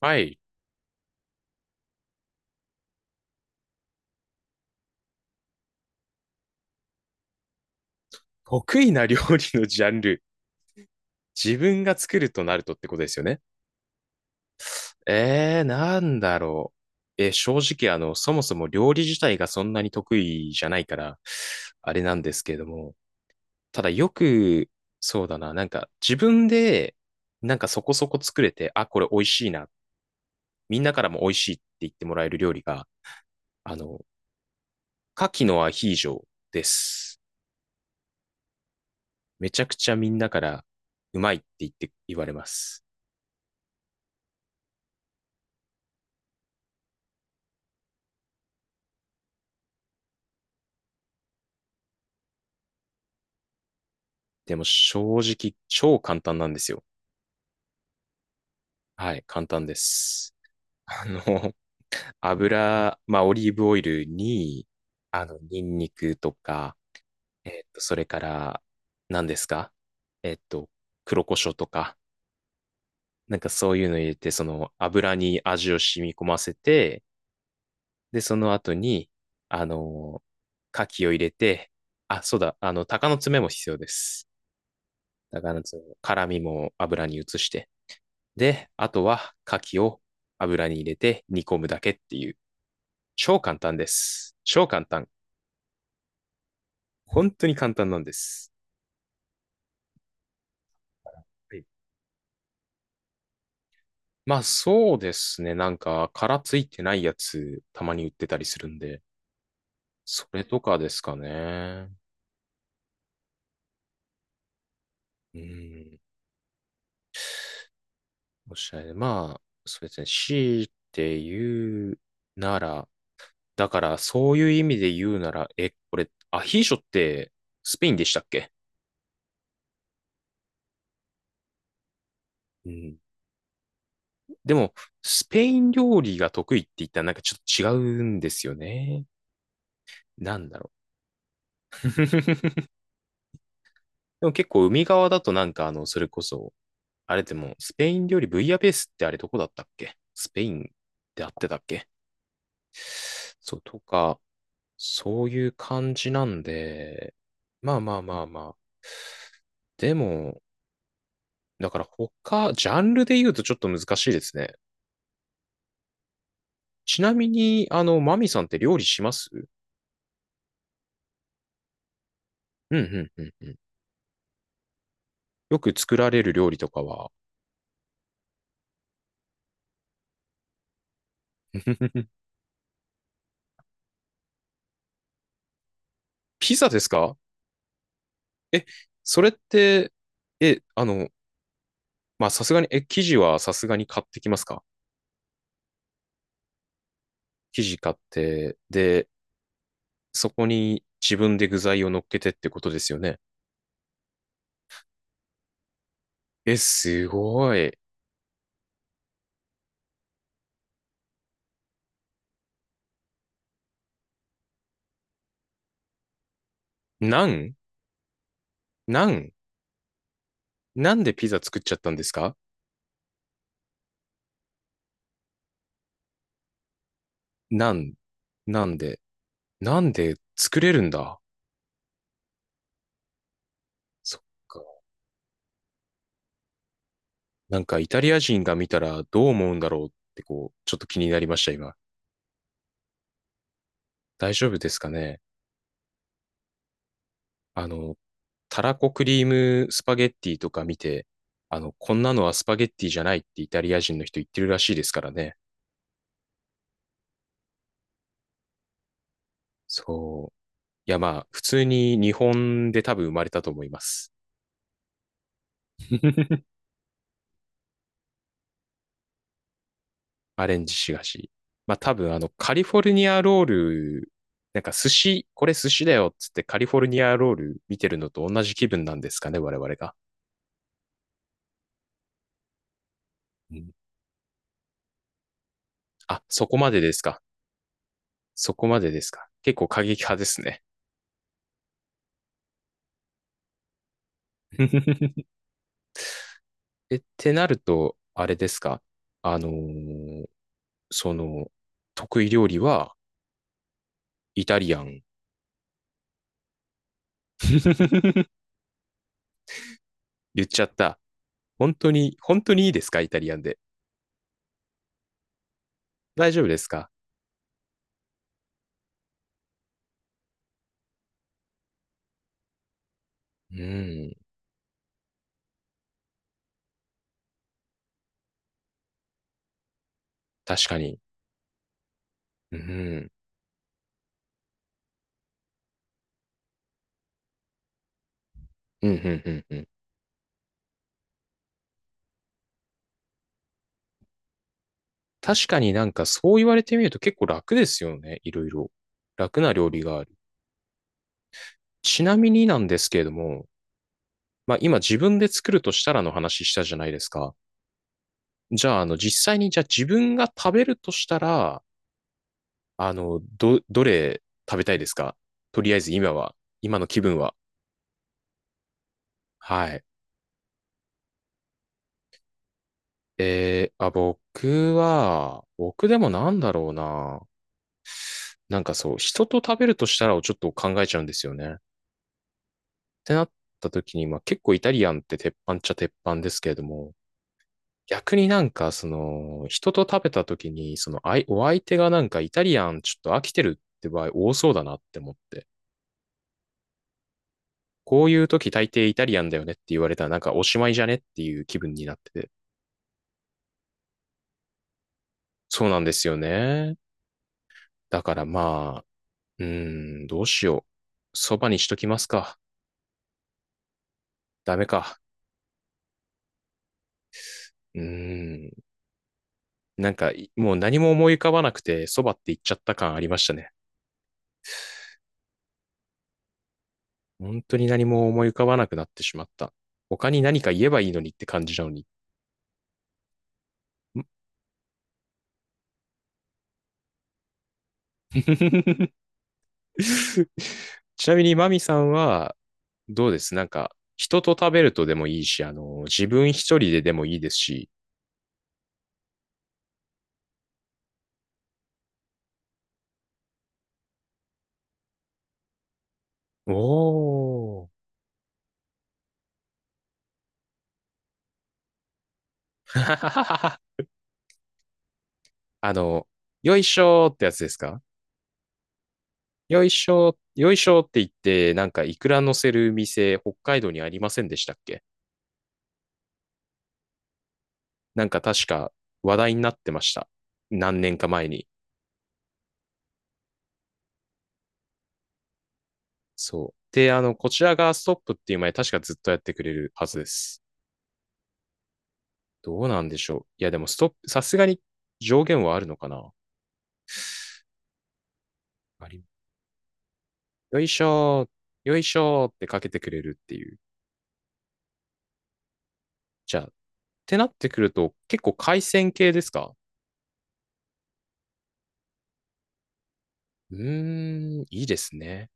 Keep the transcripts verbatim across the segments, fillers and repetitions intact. はい。得意な料理のジャンル。自分が作るとなるとってことですよね。えー、なんだろう。えー、正直、あの、そもそも料理自体がそんなに得意じゃないから、あれなんですけれども。ただよく、そうだな、なんか自分で、なんかそこそこ作れて、あ、これ美味しいな。みんなからも美味しいって言ってもらえる料理が、あの、牡蠣のアヒージョです。めちゃくちゃみんなからうまいって言って言われます。でも正直超簡単なんですよ。はい、簡単です。あの、油、まあオリーブオイルに、あの、ニンニクとか、えっと、それから、何ですか？えっと、黒胡椒とか、なんかそういうの入れて、その油に味を染み込ませて、で、その後に、あの、牡蠣を入れて、あ、そうだ、あの、鷹の爪も必要です。鷹の爪、辛みも油に移して、で、あとは牡蠣を油に入れて煮込むだけっていう、超簡単です。超簡単。本当に簡単なんです。はい。まあそうですね。なんか殻ついてないやつたまに売ってたりするんで、それとかですかね。うん。おっしゃい。まあ、そうですね。強いて言うなら、だからそういう意味で言うなら、え、これアヒーショってスペインでしたっけ？うん。でも、スペイン料理が得意って言ったらなんかちょっと違うんですよね。なんだろう。でも結構海側だとなんかあの、それこそ、あれでも、スペイン料理ブイヤベースってあれどこだったっけ？スペインであってたっけ？そうとか、そういう感じなんで、まあまあまあまあ。でも、だから他、ジャンルで言うとちょっと難しいですね。ちなみに、あの、マミさんって料理します？うんうんうんうん。よく作られる料理とかは？ ピザですか？え、それって、え、あの、まあ、さすがに、え、生地はさすがに買ってきますか？生地買って、で、そこに自分で具材を乗っけてってことですよね。え、すごい。なん？なん？なんでピザ作っちゃったんですか？なん？なんで？なんで作れるんだ？そっか。なんかイタリア人が見たらどう思うんだろうってこう、ちょっと気になりました、今。大丈夫ですかね？あの、たらこクリームスパゲッティとか見て、あの、こんなのはスパゲッティじゃないってイタリア人の人言ってるらしいですからね。そう。いや、まあ、普通に日本で多分生まれたと思います。アレンジしがし。まあ、多分あの、カリフォルニアロール、なんか寿司、これ寿司だよっつってカリフォルニアロール見てるのと同じ気分なんですかね、我々が。うん、あ、そこまでですか。そこまでですか。結構過激派ですね。え、ってなると、あれですか？あのーその、得意料理はイタリアン。言っちゃった。本当に、本当にいいですかイタリアンで？大丈夫ですか？うん、確かに。うん、うん、うん、うん、うん。確かになんかそう言われてみると結構楽ですよね。いろいろ。楽な料理がある。ちなみになんですけれども、まあ今自分で作るとしたらの話したじゃないですか。じゃあ、あの、実際にじゃあ自分が食べるとしたら、あの、ど、どれ食べたいですか？とりあえず今は、今の気分は。はい。えー、あ、僕は、僕でもなんだろうな。なんかそう、人と食べるとしたらをちょっと考えちゃうんですよね。ってなった時に、まあ結構イタリアンって鉄板っちゃ鉄板ですけれども、逆になんかその、人と食べた時に、その、あいお相手がなんかイタリアンちょっと飽きてるって場合多そうだなって思って。こういう時大抵イタリアンだよねって言われたらなんかおしまいじゃねっていう気分になってて。そうなんですよね。だからまあ、うーん、どうしよう。そばにしときますか。ダメか。うーん。なんか、いもう何も思い浮かばなくて、そばって言っちゃった感ありましたね。本当に何も思い浮かばなくなってしまった。他に何か言えばいいのにって感じなのに。ん。 ちなみに、マミさんは、どうです？なんか、人と食べるとでもいいし、あの、自分一人ででもいいですし。おー。あの、よいしょーってやつですか？よいしょー、よいしょーって言って、なんかいくら乗せる店、北海道にありませんでしたっけ？なんか確か話題になってました。何年か前に。そう。で、あの、こちらがストップっていう前、確かずっとやってくれるはずです。どうなんでしょう。いや、でもストップ、さすがに上限はあるのかな？ありよいしょー、よいしょーってかけてくれるっていう。じゃあ、ってなってくると、結構海鮮系ですか？うーん、いいですね。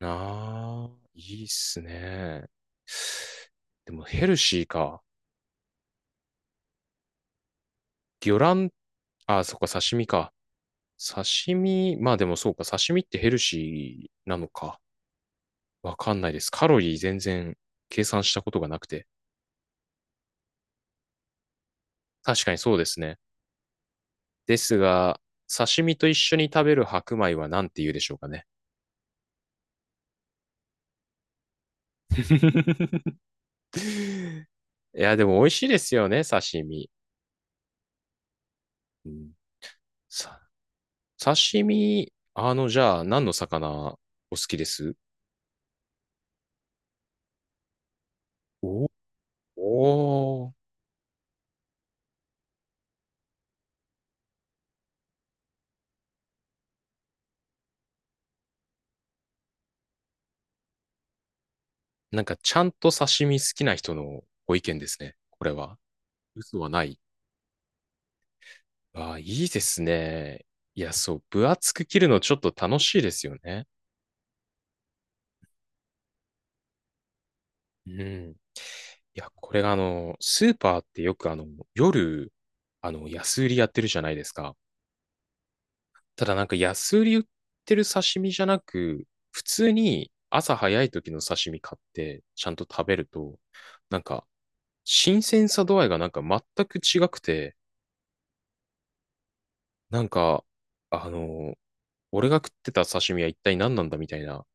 なあ、いいっすね。でもヘルシーか。魚卵、あ、そっか、刺身か。刺身、まあでもそうか、刺身ってヘルシーなのか。わかんないです。カロリー全然計算したことがなくて。確かにそうですね。ですが、刺身と一緒に食べる白米は何て言うでしょうかね。いや、でも美味しいですよね、刺身。うん、さ刺身、あの、じゃあ、何の魚お好きです？おおー。なんか、ちゃんと刺身好きな人のご意見ですね。これは。嘘はない。ああ、いいですね。いや、そう、分厚く切るのちょっと楽しいですよね。うん。いや、これがあの、スーパーってよくあの、夜、あの、安売りやってるじゃないですか。ただなんか安売り売ってる刺身じゃなく、普通に朝早い時の刺身買ってちゃんと食べると、なんか新鮮さ度合いがなんか全く違くて、なんか、あの、俺が食ってた刺身は一体何なんだみたいな、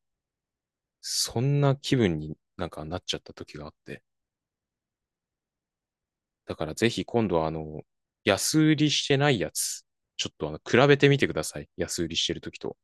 そんな気分になんかなっちゃった時があって。だからぜひ今度はあの、安売りしてないやつ、ちょっとあの、比べてみてください。安売りしてる時と。